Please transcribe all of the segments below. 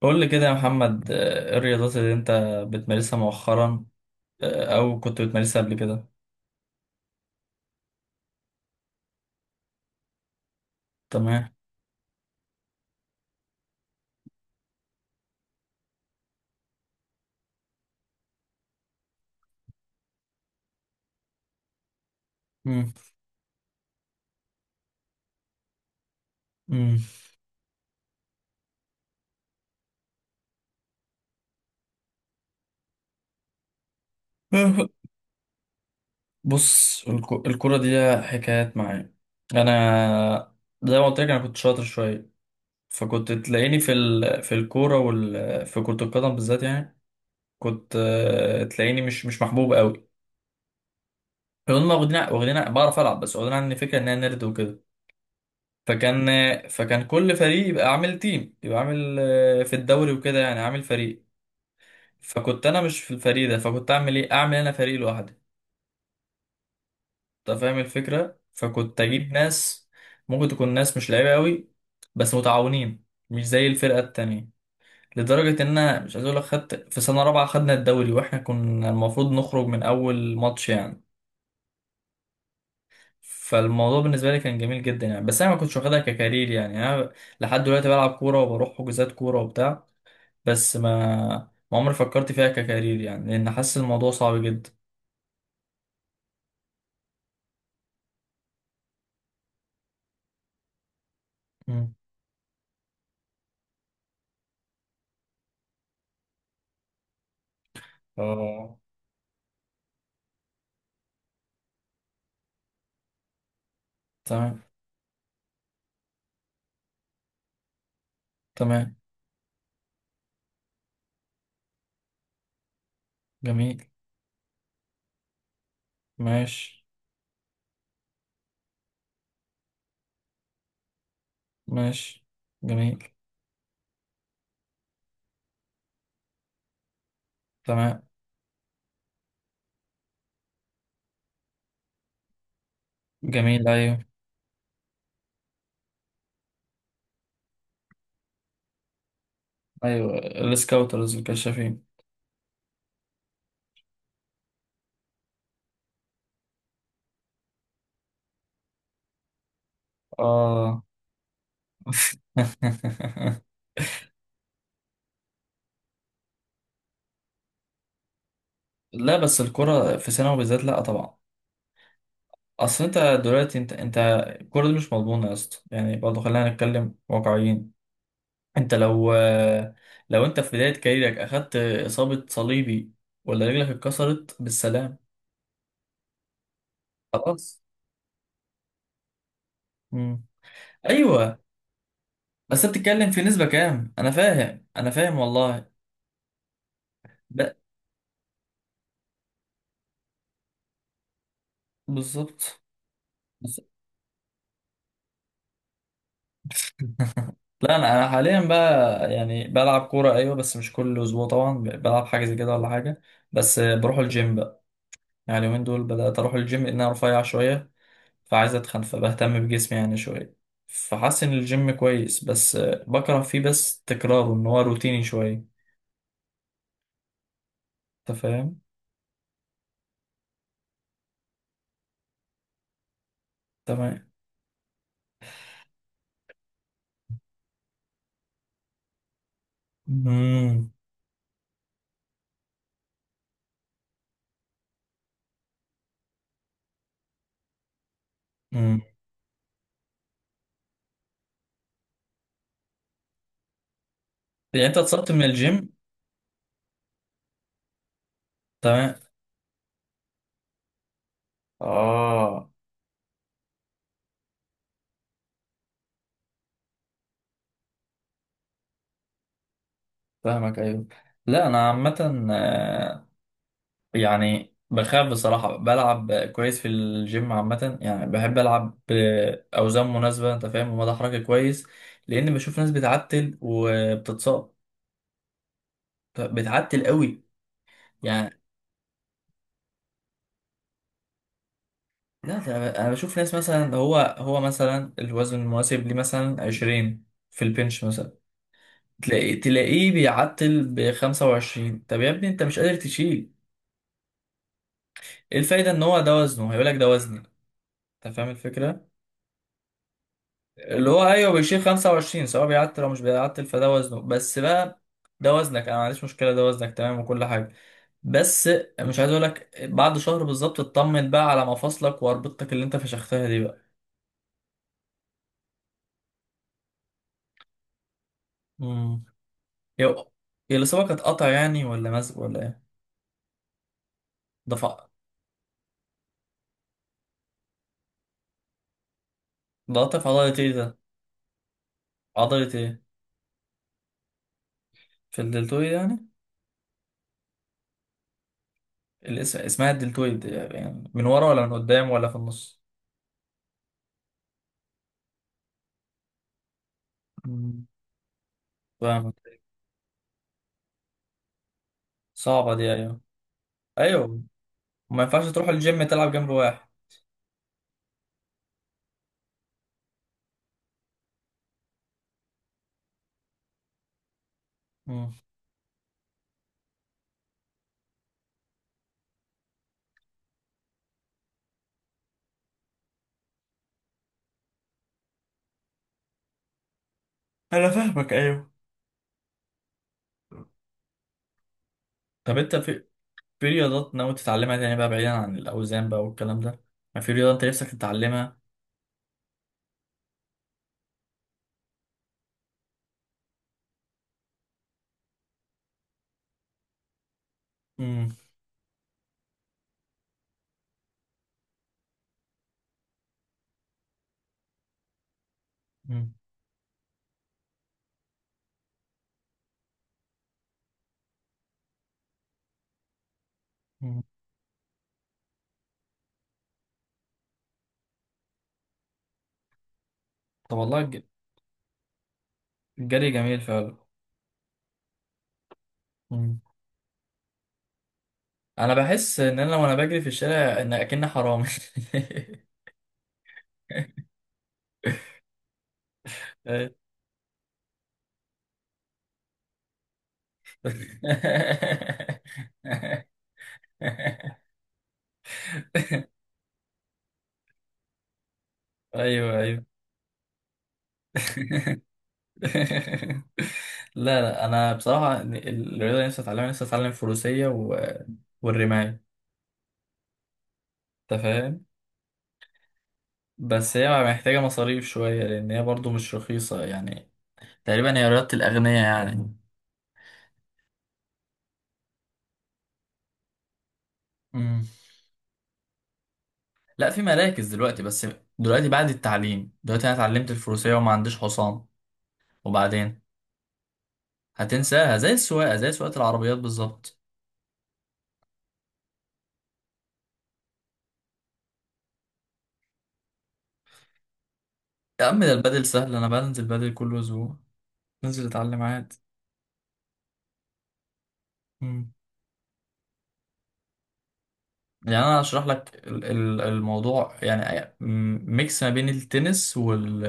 قول لي كده يا محمد، ايه الرياضات اللي انت بتمارسها مؤخرا؟ او كنت بتمارسها قبل كده؟ تمام. مم. مم. بص، الكرة دي ليها حكايات معايا. انا زي ما قلت لك، انا كنت شاطر شوية، فكنت تلاقيني في الكورة، في كرة القدم بالذات يعني. كنت تلاقيني مش محبوب قوي. هم واخدين بعرف العب، بس واخدين عني فكرة ان انا نرد وكده. فكان فكان كل فريق يبقى عامل تيم، يبقى عامل في الدوري وكده، يعني عامل فريق. فكنت انا مش في الفريق ده، فكنت اعمل ايه؟ اعمل انا فريق لوحدي. انت فاهم الفكره؟ فكنت اجيب ناس، ممكن تكون ناس مش لعيبه قوي بس متعاونين، مش زي الفرقه التانية. لدرجه ان انا مش عايز اقول لك، خدت في سنه رابعه خدنا الدوري، واحنا كنا المفروض نخرج من اول ماتش يعني. فالموضوع بالنسبه لي كان جميل جدا يعني، بس انا ما كنتش واخدها ككارير يعني. انا لحد دلوقتي بلعب كوره وبروح حجوزات كوره وبتاع، بس ما عمري فكرت فيها ككارير يعني، لأن حاسس الموضوع صعب جدا. مم. اه، تمام. تمام. جميل. ماشي. ماشي. جميل. تمام. جميل، أيوه. أيوه، السكاوترز الكشافين. اه. لا، بس الكرة في ثانوي بالذات، لا طبعا. أصل أنت، دلوقتي أنت الكرة دي مش مضمونة يا اسطى، يعني برضه خلينا نتكلم واقعيين. انت لو لو انت في بداية كاريرك اخدت اصابة صليبي، ولا رجلك اتكسرت بالسلام. خلاص. مم. ايوه، بس انت بتتكلم في نسبة كام؟ انا فاهم، انا فاهم والله. لا، بالظبط. بالظبط. لا، انا حاليا بقى يعني بلعب كورة ايوه، بس مش كل اسبوع طبعا، بلعب حاجة زي كده ولا حاجة. بس بروح الجيم بقى. يعني اليومين دول بدأت اروح الجيم، لان انا رفيع شوية، فعايز اتخن فبهتم بجسمي يعني شويه. فحاسس ان الجيم كويس بس، بكره فيه، بس تكراره ان هو روتيني شويه. انت فاهم؟ تمام. امم امم يعني انت اتصبت من الجيم؟ تمام. اه، فاهمك. ايوه. لا، انا عامه، يعني بخاف بصراحه، بلعب كويس في الجيم عامه، يعني بحب العب باوزان مناسبه انت فاهم، ومدى حركه كويس. لان بشوف ناس بتعتل وبتتصاب، بتعتل قوي يعني. لا، ده انا بشوف ناس مثلا، هو مثلا الوزن المناسب ليه مثلا 20 في البنش مثلا، تلاقيه بيعتل ب 25. طب يا ابني، انت مش قادر تشيل. ايه الفايدة؟ ان هو ده وزنه، هيقول لك ده وزني. انت فاهم الفكرة. اللي هو ايوه، بيشيل 25 سواء بيعتل او مش بيعتل، فده وزنه بس بقى. ده وزنك، انا ما عنديش مشكلة، ده وزنك تمام وكل حاجة. بس مش عايز اقول لك، بعد شهر بالظبط اطمن بقى على مفاصلك واربطتك اللي انت فشختها دي. بقى هي هي الإصابة كانت قطع يعني، ولا مزق ولا إيه؟ ده ف- ده قطع في عضلة إيه ده؟ عضلة إيه؟ في الدلتويد يعني؟ الاسم اسمها الدلتويد يعني؟ من ورا ولا من قدام ولا في النص؟ مم. فاهمك. صعبة دي، أيوه. أيوه. ما ينفعش تروح الجيم تلعب جنب واحد. مم. أنا فاهمك، أيوه. طب أنت في في رياضات ناوي تتعلمها تاني بقى، بعيدا عن الأوزان بقى والكلام ده؟ ما في رياضة أنت نفسك تتعلمها؟ مم. مم. مم. طب والله، الجري جميل فعلا. مم. انا بحس ان انا، وانا بجري في الشارع، ان اكن حرامي. ايوه، ايوه. لا، لا، انا بصراحه الرياضه نفسي اتعلم فروسيه، والرمايه. انت فاهم؟ بس هي محتاجه مصاريف شويه، لان هي برضو مش رخيصه يعني. تقريبا هي رياضه الاغنياء يعني. مم. لا، في مراكز دلوقتي. بس دلوقتي بعد التعليم، دلوقتي انا اتعلمت الفروسيه وما عنديش حصان، وبعدين هتنساها، زي السواقة، زي سواقة العربيات بالظبط. يا عم، ده البدل سهل، أنا بنزل بدل كل أسبوع. ننزل أتعلم عادي. مم. يعني أنا هشرح لك الموضوع، يعني ميكس ما بين التنس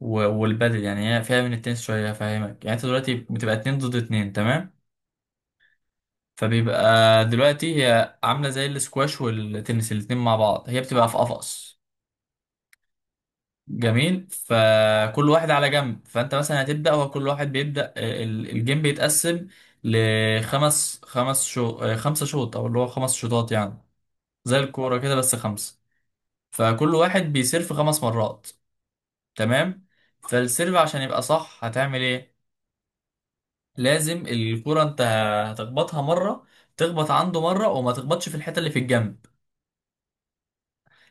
والبدل يعني. هي فيها من التنس شوية، هفهمك. يعني أنت دلوقتي بتبقى اتنين ضد اتنين، تمام؟ فبيبقى دلوقتي هي عاملة زي الاسكواش والتنس الاتنين مع بعض، هي بتبقى في قفص. جميل. فكل واحد على جنب، فانت مثلا هتبدا، هو كل واحد بيبدا الجيم بيتقسم لخمس خمس شو آه، خمسه شوط، او اللي هو خمس شوطات يعني. زي الكوره كده، بس خمسه. فكل واحد بيسيرف خمس مرات. تمام. فالسيرف عشان يبقى صح هتعمل ايه؟ لازم الكوره انت هتخبطها مره، تخبط عنده مره، وما تخبطش في الحته اللي في الجنب.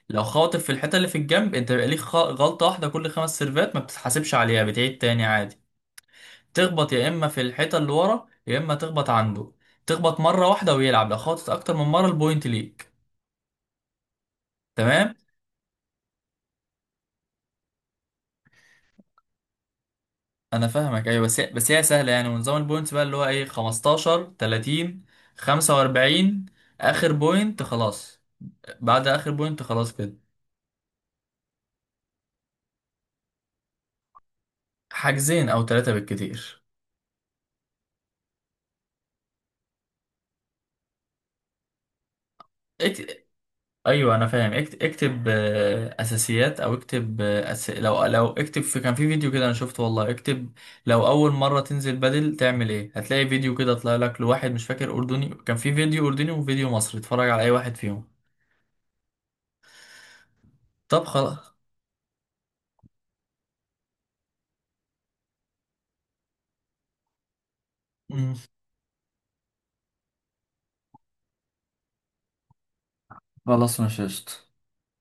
لو خاطف في الحته اللي في الجنب، انت بيبقى ليك غلطه واحده، كل خمس سيرفات ما بتتحاسبش عليها، بتعيد تاني عادي. تخبط يا اما في الحيطه اللي ورا، يا اما تخبط عنده. تخبط مره واحده ويلعب، لو خبطت اكتر من مره البوينت ليك. تمام. انا فاهمك ايوه، بس هي سهله يعني. ونظام البوينتس بقى، اللي هو ايه، 15 30 45. اخر بوينت خلاص. بعد اخر بوينت خلاص كده. حاجزين او ثلاثه بالكتير. ايوه انا فاهم، اكتب اساسيات، او اكتب لو اكتب. في كان في فيديو كده انا شفته والله، اكتب لو اول مره تنزل بدل تعمل ايه. هتلاقي فيديو كده طلع لك لواحد مش فاكر اردني، كان في فيديو اردني وفيديو مصري، اتفرج على اي واحد فيهم. طب خلاص. مم. خلاص، مش قشطة.